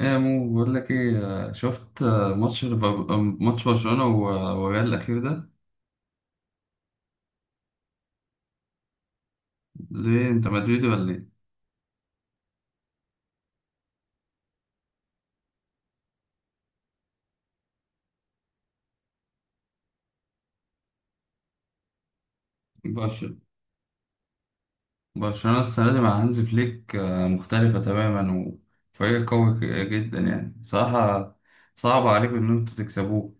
ايه مو بقول لك، ايه شفت آه، ماتش ليفر- آه، ماتش برشلونة والريال الأخير ده. ليه انت مدريدي ولا ايه؟ برشلونة. برشلونة السنة دي مع هانز فليك مختلفة تماما، وفريق قوي جدا يعني صراحة. صعب عليكم ان انتوا تكسبوه.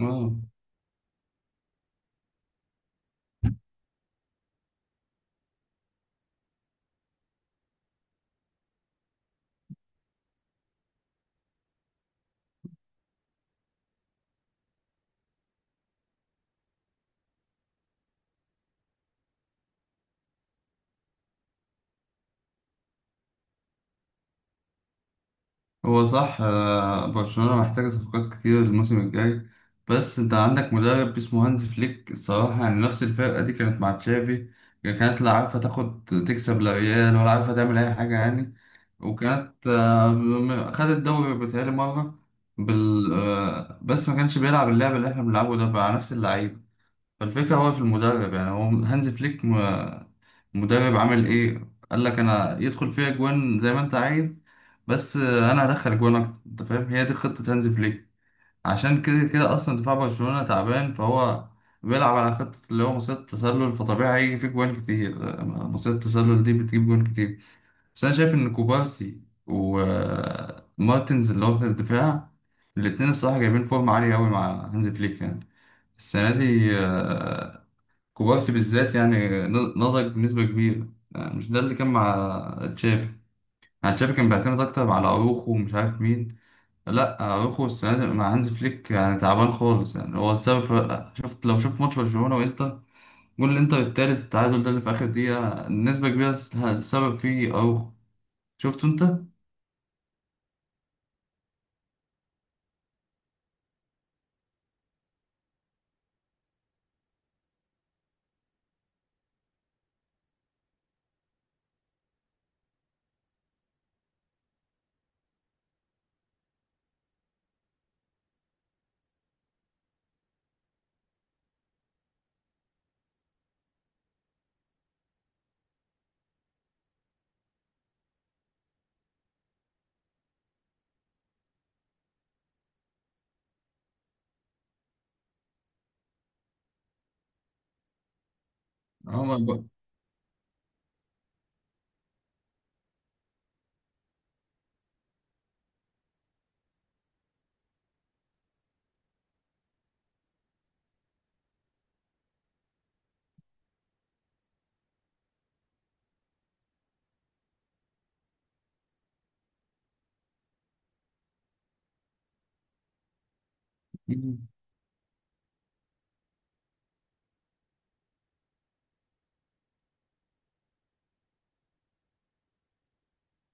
اه. هو صح، برشلونة محتاجة صفقات كتير الموسم الجاي، بس انت عندك مدرب اسمه هانز فليك. الصراحة يعني نفس الفرقة دي كانت مع تشافي، يعني كانت لا عارفة تاخد تكسب لا ريال ولا عارفة تعمل أي حاجة يعني. وكانت خدت الدوري بتهيألي مرة، بال آه، بس ما كانش بيلعب اللعب اللي احنا بنلعبه ده مع نفس اللعيبة. فالفكرة هو في المدرب، يعني هو هانز فليك المدرب. عمل ايه قال لك انا يدخل فيها جوان زي ما انت عايز، بس انا هدخل جوان اكتر. انت فاهم هي دي خطة هانز فليك. عشان كده كده اصلا دفاع برشلونة تعبان، فهو بيلعب على خطة اللي هو مصيدة التسلل، فطبيعي هيجي فيه جوان كتير. مصيدة التسلل دي بتجيب جوان كتير، بس انا شايف ان كوبارسي ومارتنز اللي هو في الدفاع، الاتنين الصراحة جايبين فورمة عالية أوي مع هانز فليك يعني السنة دي. كوبارسي بالذات يعني نضج بنسبة كبيرة، يعني مش ده اللي كان مع تشافي. يعني تشافي كان بيعتمد أكتر على أروخو ومش عارف مين. لا، أروخو السنة دي مع هانز فليك يعني تعبان خالص، يعني هو السبب في... لو شفت ماتش برشلونة وإنتر، جول الإنتر التالت، التعادل ده اللي في آخر دقيقة نسبة كبيرة السبب فيه أروخو. شفته أنت؟ هو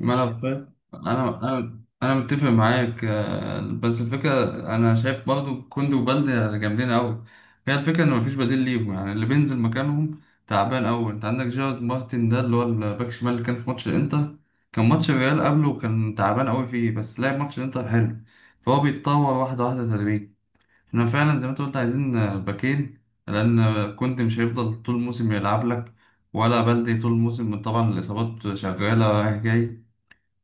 ما انا فاهم، انا متفق معاك. بس الفكره، انا شايف برضو كوندي وبالدي يعني جامدين قوي. هي الفكره ان مفيش بديل ليهم، يعني اللي بينزل مكانهم تعبان قوي. انت عندك جيرارد مارتن ده اللي هو الباك شمال اللي كان في ماتش الانتر، كان ماتش الريال قبله كان تعبان قوي فيه، بس لعب ماتش الانتر حلو. فهو بيتطور واحده واحده تدريجيا. احنا فعلا زي ما انت قلت عايزين باكين، لان كوندي مش هيفضل طول الموسم يلعب لك، ولا بالدي طول الموسم. طبعا الاصابات شغاله رايح جاي،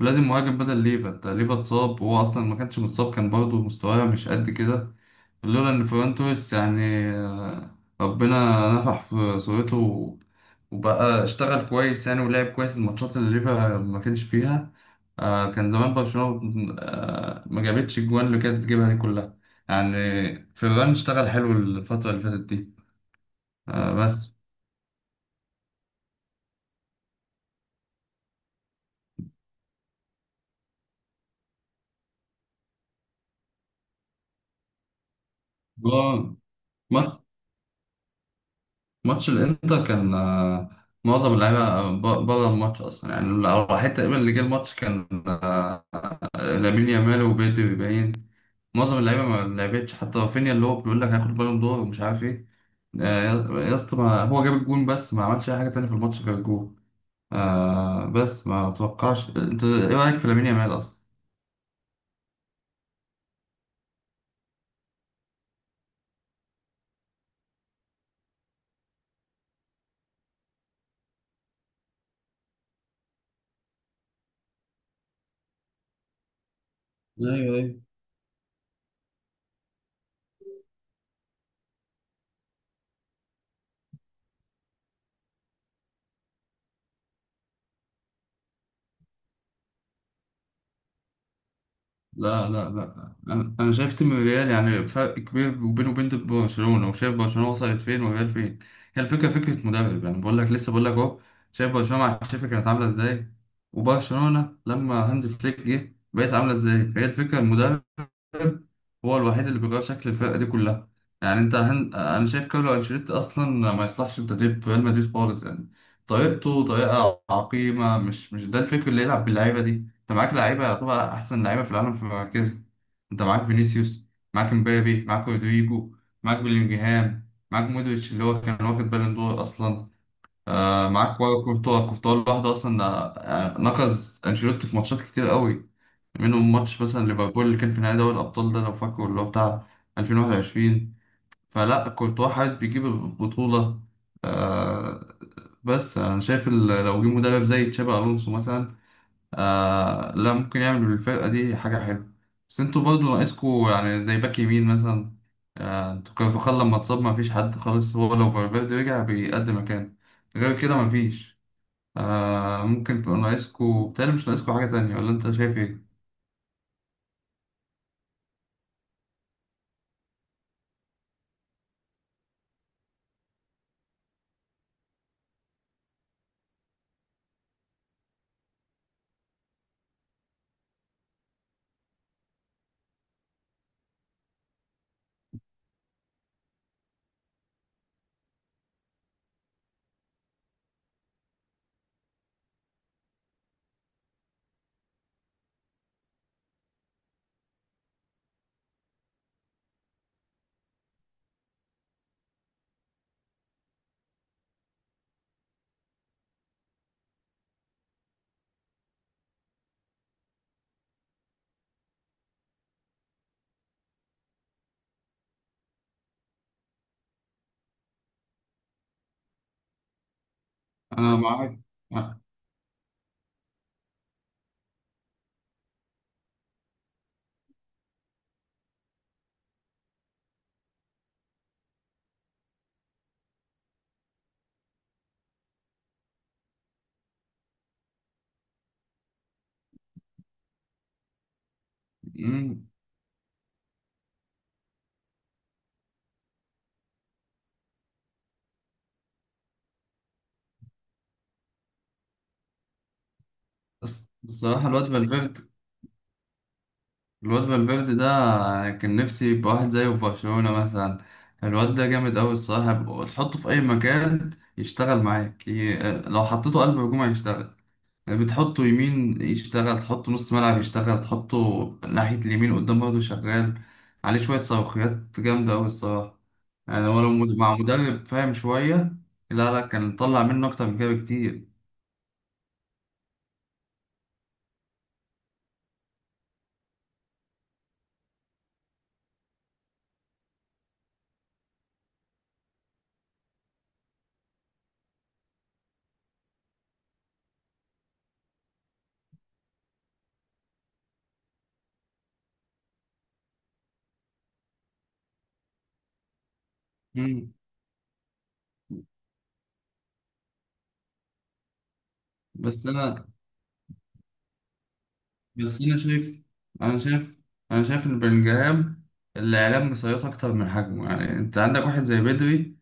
ولازم مهاجم بدل ليفا. انت ليفا اتصاب، وهو اصلا ما كانش متصاب كان برضه مستواه مش قد كده، لولا ان فران توريس يعني ربنا نفح في صورته وبقى اشتغل كويس، يعني ولعب كويس الماتشات اللي ليفا ما كانش فيها. كان زمان برشلونة ما جابتش الجوان اللي كانت تجيبها دي كلها يعني. فران اشتغل حلو الفترة اللي فاتت دي. بس هو ماتش الانتر كان معظم اللعيبه بره الماتش اصلا، يعني الوحيد تقريبا اللي جه الماتش كان آه، لامين يامال وبيدري باين. معظم اللعيبه ما لعبتش، حتى رافينيا اللي هو بيقول لك هياخد بالون دور ومش عارف ايه. يا يا اسطى، هو جاب الجون بس ما عملش اي حاجه تانية في الماتش غير الجون. بس ما اتوقعش. انت ايه رايك في لامين يامال اصلا؟ ايوه. لا لا لا، أنا شايف تيم الريال يعني فرق كبير، وبينه وبين برشلونه، وشايف برشلونه وصلت فين والريال فين. هي الفكره فكره مدرب. يعني بقول لك، لسه بقول لك اهو، شايف برشلونه مع تشافي كانت عامله ازاي، وبرشلونه لما هانز فليك جه بقت عامله ازاي. فهي الفكره، المدرب هو الوحيد اللي بيغير شكل الفرقة دي كلها. يعني انت انا شايف كارلو انشيلوتي اصلا ما يصلحش لتدريب ريال مدريد خالص، يعني طريقته طريقة عقيمة. مش ده الفكر اللي يلعب باللعيبة دي. انت معاك لعيبة يعتبر احسن لعيبة في العالم في مراكزها. انت معاك فينيسيوس، معاك مبابي، معاك رودريجو، معاك بيلينجهام، معاك مودريتش اللي هو كان واخد بالون دور اصلا. آه، معاك كورتوا. كورتوا لوحده اصلا نقز انشيلوتي في ماتشات كتير قوي، منهم ماتش مثلا ليفربول اللي كان في نهائي دوري الأبطال ده لو فاكره، اللي هو بتاع 2021. فلا كورتوا حاسس بيجيب البطولة. آه بس أنا شايف لو جه مدرب زي تشابي ألونسو مثلا، لا ممكن يعمل بالفرقة دي حاجة حلوة. بس انتوا برضه ناقصكوا يعني زي باك يمين مثلا. انتوا كارفاخال لما اتصاب ما فيش حد خالص. هو لو فالفيردي رجع بيقدم مكان، غير كده ما فيش. ممكن تبقوا ناقصكوا، بتهيألي مش ناقصكوا حاجة تانية، ولا انت شايف ايه؟ أنا معاك. مم. بس بصراحة الواد فالفيردي ده كان نفسي يبقى واحد زيه في برشلونة مثلا. الواد ده جامد أوي الصراحة، تحطه في أي مكان يشتغل معاك، لو حطيته قلب هجوم هيشتغل، بتحطه يمين يشتغل، تحطه نص ملعب يشتغل، تحطه ناحية اليمين قدام برضه شغال. عليه شوية صاروخيات جامدة أوي الصراحة. يعني هو لو مع مدرب فاهم شوية، لا لا كان طلع منه أكتر من كده بكتير. مم. بس أنا بس انا شايف انا شايف انا شايف ان بلينجهام الاعلام مسيطر اكتر من حجمه. يعني انت عندك واحد زي بدري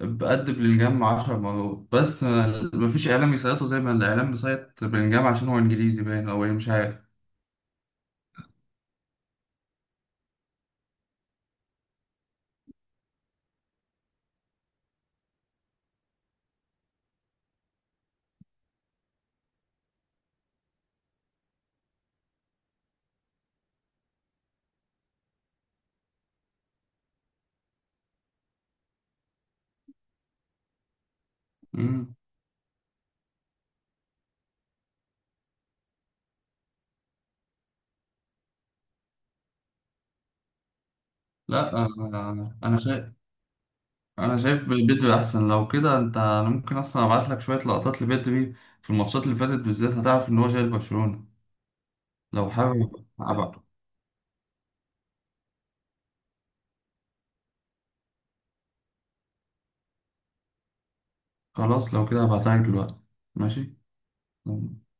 بقد بلينجهام 10 مرات، بس مفيش اعلام يسيطره زي ما الاعلام مسيط بلينجهام، عشان هو انجليزي باين او ايه مش عارف. مم. لا، انا شايف. انا شايف بدري احسن. لو كده انا ممكن اصلا ابعت لك شويه لقطات لبدري في الماتشات اللي فاتت بالذات، هتعرف ان هو شايل برشلونه. لو حابب ابعته؟ خلاص لو كده هبعتها لك دلوقتي. ماشي.